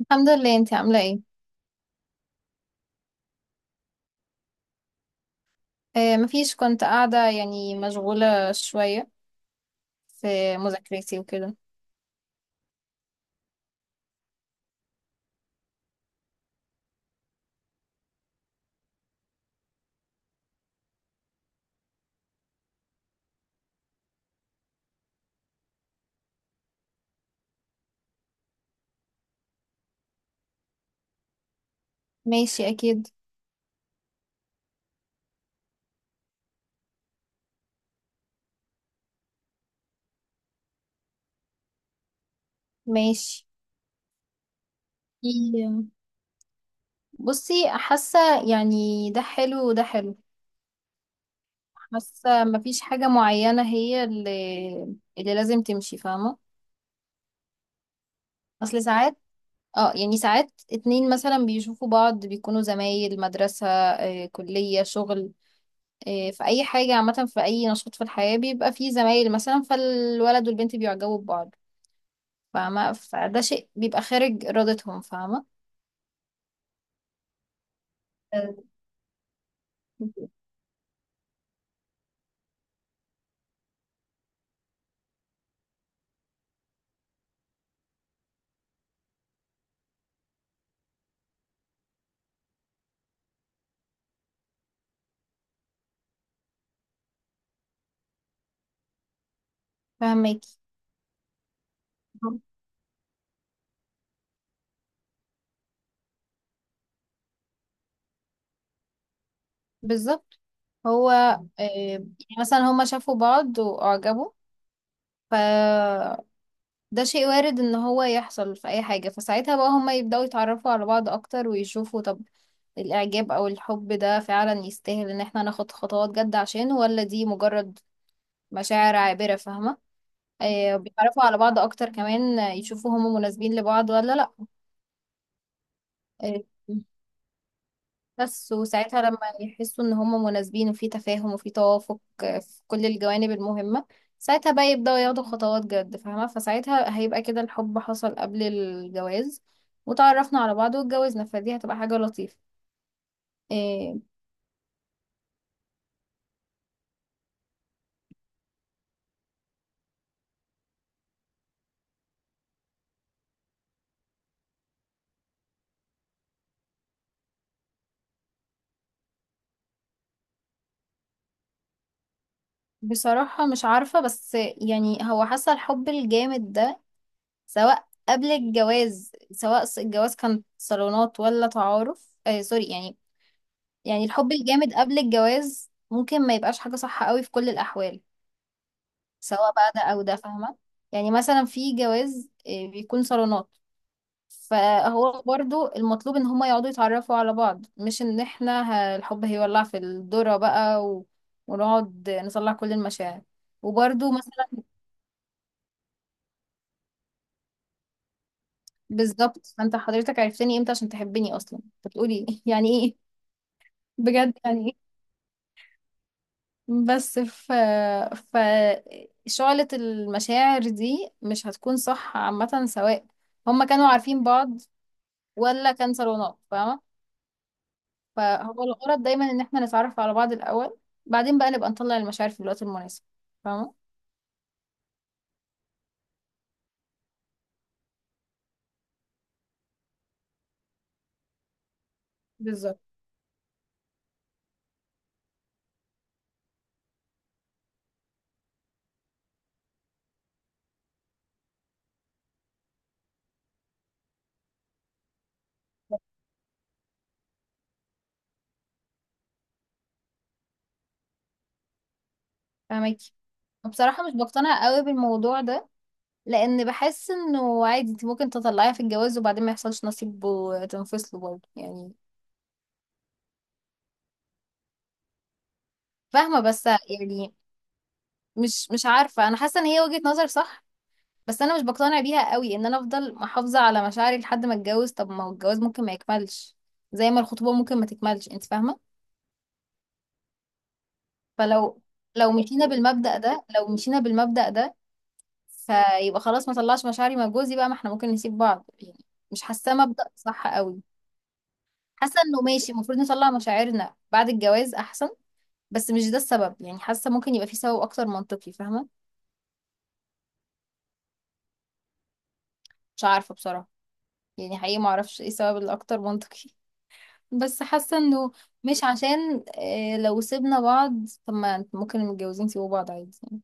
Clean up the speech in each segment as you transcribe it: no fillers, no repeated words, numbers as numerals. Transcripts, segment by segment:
الحمد لله. انت عاملة ايه؟ مفيش، كنت قاعدة، يعني مشغولة شوية في مذاكرتي وكده. ماشي، اكيد. ماشي. في- بصي، حاسة يعني ده حلو وده حلو. حاسة مفيش حاجة معينة هي اللي لازم تمشي، فاهمة؟ اصل ساعات، اه يعني ساعات اتنين مثلا بيشوفوا بعض، بيكونوا زمايل مدرسة، آه كلية، شغل. في اي حاجة عامة، في اي نشاط في الحياة بيبقى فيه زمايل، مثلا فالولد والبنت بيعجبوا ببعض، فاهمة؟ فده شيء بيبقى خارج إرادتهم، فاهمة؟ آه، فاهماكي بالظبط. هو يعني مثلا هما شافوا بعض وأعجبوا، فده شيء وارد ان هو يحصل في اي حاجة. فساعتها بقى هما يبدأوا يتعرفوا على بعض اكتر ويشوفوا، طب الإعجاب أو الحب ده فعلا يستاهل إن احنا ناخد خطوات جد عشانه، ولا دي مجرد مشاعر عابرة، فاهمة؟ آه، بيتعرفوا على بعض أكتر كمان. يشوفوا هم مناسبين لبعض ولا لأ. آه، بس وساعتها لما يحسوا ان هم مناسبين وفي تفاهم وفي توافق، في كل الجوانب المهمة، ساعتها بقى يبدأوا ياخدوا خطوات جد، فاهمة؟ فساعتها هيبقى كده الحب حصل قبل الجواز وتعرفنا على بعض واتجوزنا، فدي هتبقى حاجة لطيفة. إيه. بصراحة مش عارفة، بس يعني هو حاسة الحب الجامد ده، سواء قبل الجواز، سواء الجواز كان صالونات ولا تعارف، آه سوري، يعني يعني الحب الجامد قبل الجواز ممكن ما يبقاش حاجة صح قوي في كل الأحوال، سواء بقى ده او ده، فاهمه؟ يعني مثلا في جواز بيكون صالونات، فهو برضو المطلوب ان هما يقعدوا يتعرفوا على بعض، مش ان احنا الحب هيولع في الذرة بقى ونقعد نطلع كل المشاعر. وبرضو مثلا بالظبط، فانت حضرتك عرفتني امتى عشان تحبني اصلا؟ انت بتقولي يعني ايه، بجد؟ يعني ايه؟ بس ف ف شعلة المشاعر دي مش هتكون صح، عامة، سواء هما كانوا عارفين بعض ولا كان صالونات، فاهمة؟ فهو الغرض دايما ان احنا نتعرف على بعض الاول، بعدين بقى نبقى نطلع المشاعر في الوقت المناسب، فاهمه؟ بالظبط، فاهمكي. بصراحه مش بقتنع قوي بالموضوع ده، لان بحس انه عادي انت ممكن تطلعيها في الجواز وبعدين ما يحصلش نصيب وتنفصلوا برضه، يعني فاهمه؟ بس يعني مش عارفه، انا حاسه ان هي وجهه نظر صح، بس انا مش بقتنع بيها قوي، ان انا افضل محافظه على مشاعري لحد ما اتجوز، طب ما هو الجواز ممكن ما يكملش، زي ما الخطوبه ممكن ما تكملش، انت فاهمه؟ فلو لو مشينا بالمبدأ ده، فيبقى خلاص ما طلعش مشاعري مع جوزي بقى، ما احنا ممكن نسيب بعض يعني. مش حاساه مبدأ صح قوي. حاسه انه ماشي، المفروض نطلع مشاعرنا بعد الجواز احسن، بس مش ده السبب، يعني حاسه ممكن يبقى في سبب اكتر منطقي، فاهمه؟ مش عارفه بصراحه، يعني حقيقي ما اعرفش ايه السبب الاكتر منطقي. بس حاسه انه مش عشان لو سيبنا بعض، طب ما ممكن المتجوزين يسيبوا بعض عادي يعني.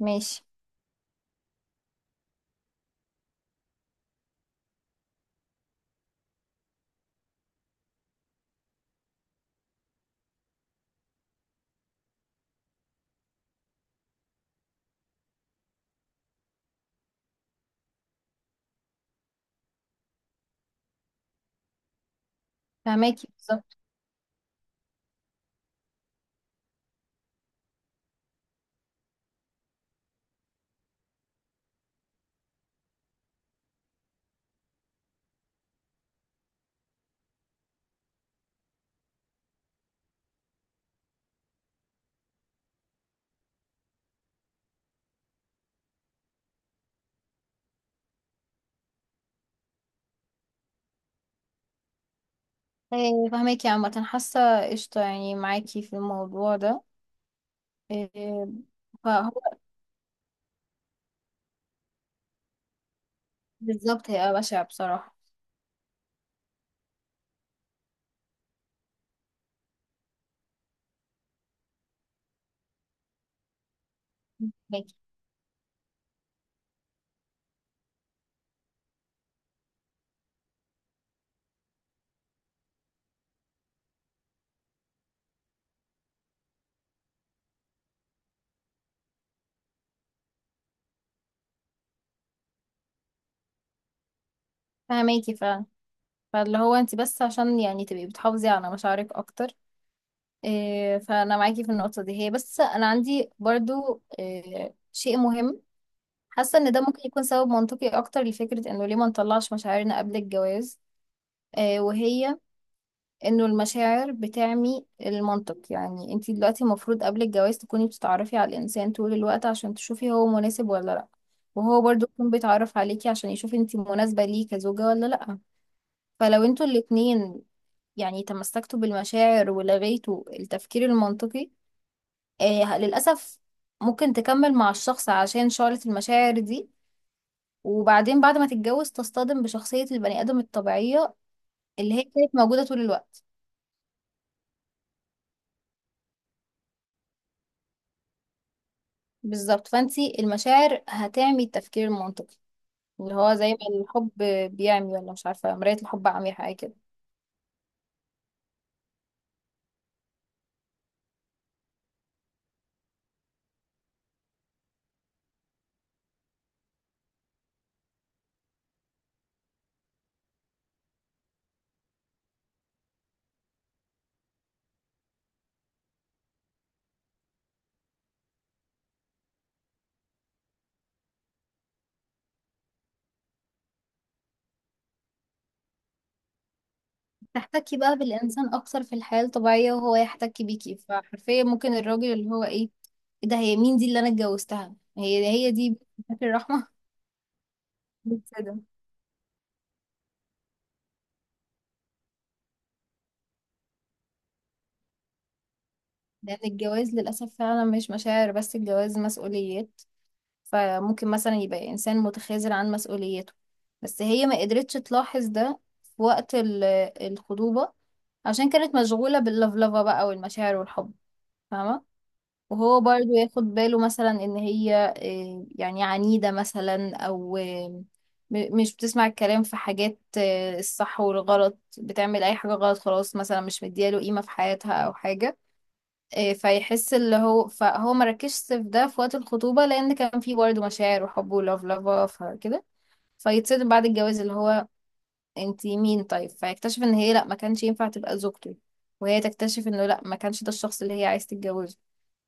ماشي. فهماكي بالظبط. إيه، فهماكي. عامة حاسة قشطة، يعني معاكي في الموضوع ده. إيه، فهو بالظبط هيبقى بشع بصراحة. فهماكي فهماكي فعلا. فاللي هو انت بس عشان يعني تبقي بتحافظي على مشاعرك اكتر، إيه، فانا معاكي في النقطة دي، هي بس انا عندي برضو إيه، شيء مهم. حاسة ان ده ممكن يكون سبب منطقي اكتر لفكرة انه ليه ما نطلعش مشاعرنا قبل الجواز، إيه، وهي انه المشاعر بتعمي المنطق. يعني انتي دلوقتي المفروض قبل الجواز تكوني بتتعرفي على الانسان طول الوقت عشان تشوفي هو مناسب ولا لا. وهو برضو يكون بيتعرف عليكي عشان يشوف انتي مناسبة ليه كزوجة ولا لا. فلو انتوا الاتنين يعني تمسكتوا بالمشاعر ولغيتوا التفكير المنطقي، آه للأسف، ممكن تكمل مع الشخص عشان شعلة المشاعر دي، وبعدين بعد ما تتجوز تصطدم بشخصية البني آدم الطبيعية اللي هي كانت موجودة طول الوقت. بالظبط، فانتي المشاعر هتعمي التفكير المنطقي، اللي هو زي ما الحب بيعمي، ولا مش عارفة، مراية الحب عمي حاجة كده. تحتكي بقى بالإنسان أكتر في الحياة الطبيعية وهو يحتكي بيكي، فحرفيا ممكن الراجل اللي هو إيه، إيه ده؟ هي مين دي اللي أنا اتجوزتها؟ هي هي دي فاكر الرحمة. كده. لأن الجواز للأسف فعلا مش مشاعر بس، الجواز مسؤوليات. فممكن مثلا يبقى إنسان متخاذل عن مسؤوليته، بس هي ما قدرتش تلاحظ ده في وقت الخطوبة، عشان كانت مشغولة باللفلفة بقى والمشاعر والحب، فاهمة؟ وهو برضو ياخد باله مثلا إن هي يعني عنيدة مثلا أو مش بتسمع الكلام في حاجات، الصح والغلط بتعمل أي حاجة غلط خلاص، مثلا مش مدياله قيمة في حياتها أو حاجة، إيه، فيحس اللي هو فهو ما ركزش في ده في وقت الخطوبة لأن كان في برضه مشاعر وحب ولاف لافا فكده. فيتصدم بعد الجواز، اللي هو انتي مين؟ طيب فيكتشف ان هي لا ما كانش ينفع تبقى زوجته، وهي تكتشف انه لا ما كانش ده الشخص اللي هي عايز تتجوزه.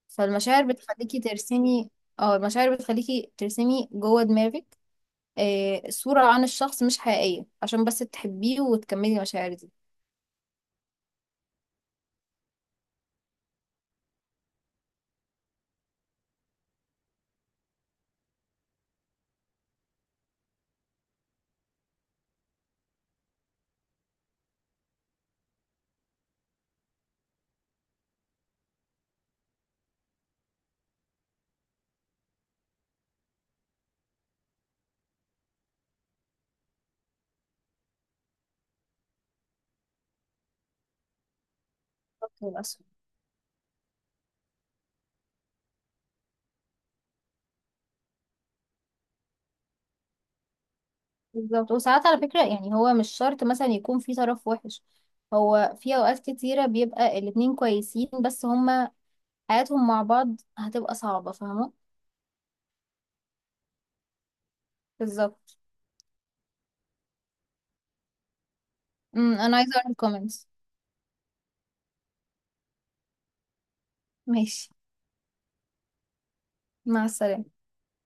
فالمشاعر بتخليكي ترسمي جوه دماغك إيه، صورة عن الشخص مش حقيقية عشان بس تحبيه وتكملي المشاعر دي، للأسف. بالظبط. وساعات على فكرة يعني هو مش شرط مثلا يكون في طرف وحش، هو في أوقات كتيرة بيبقى الاتنين كويسين بس هما حياتهم مع بعض هتبقى صعبة، فاهمة؟ بالظبط. أنا عايزة أقرأ الكومنتس. ماشي. مع السلامة.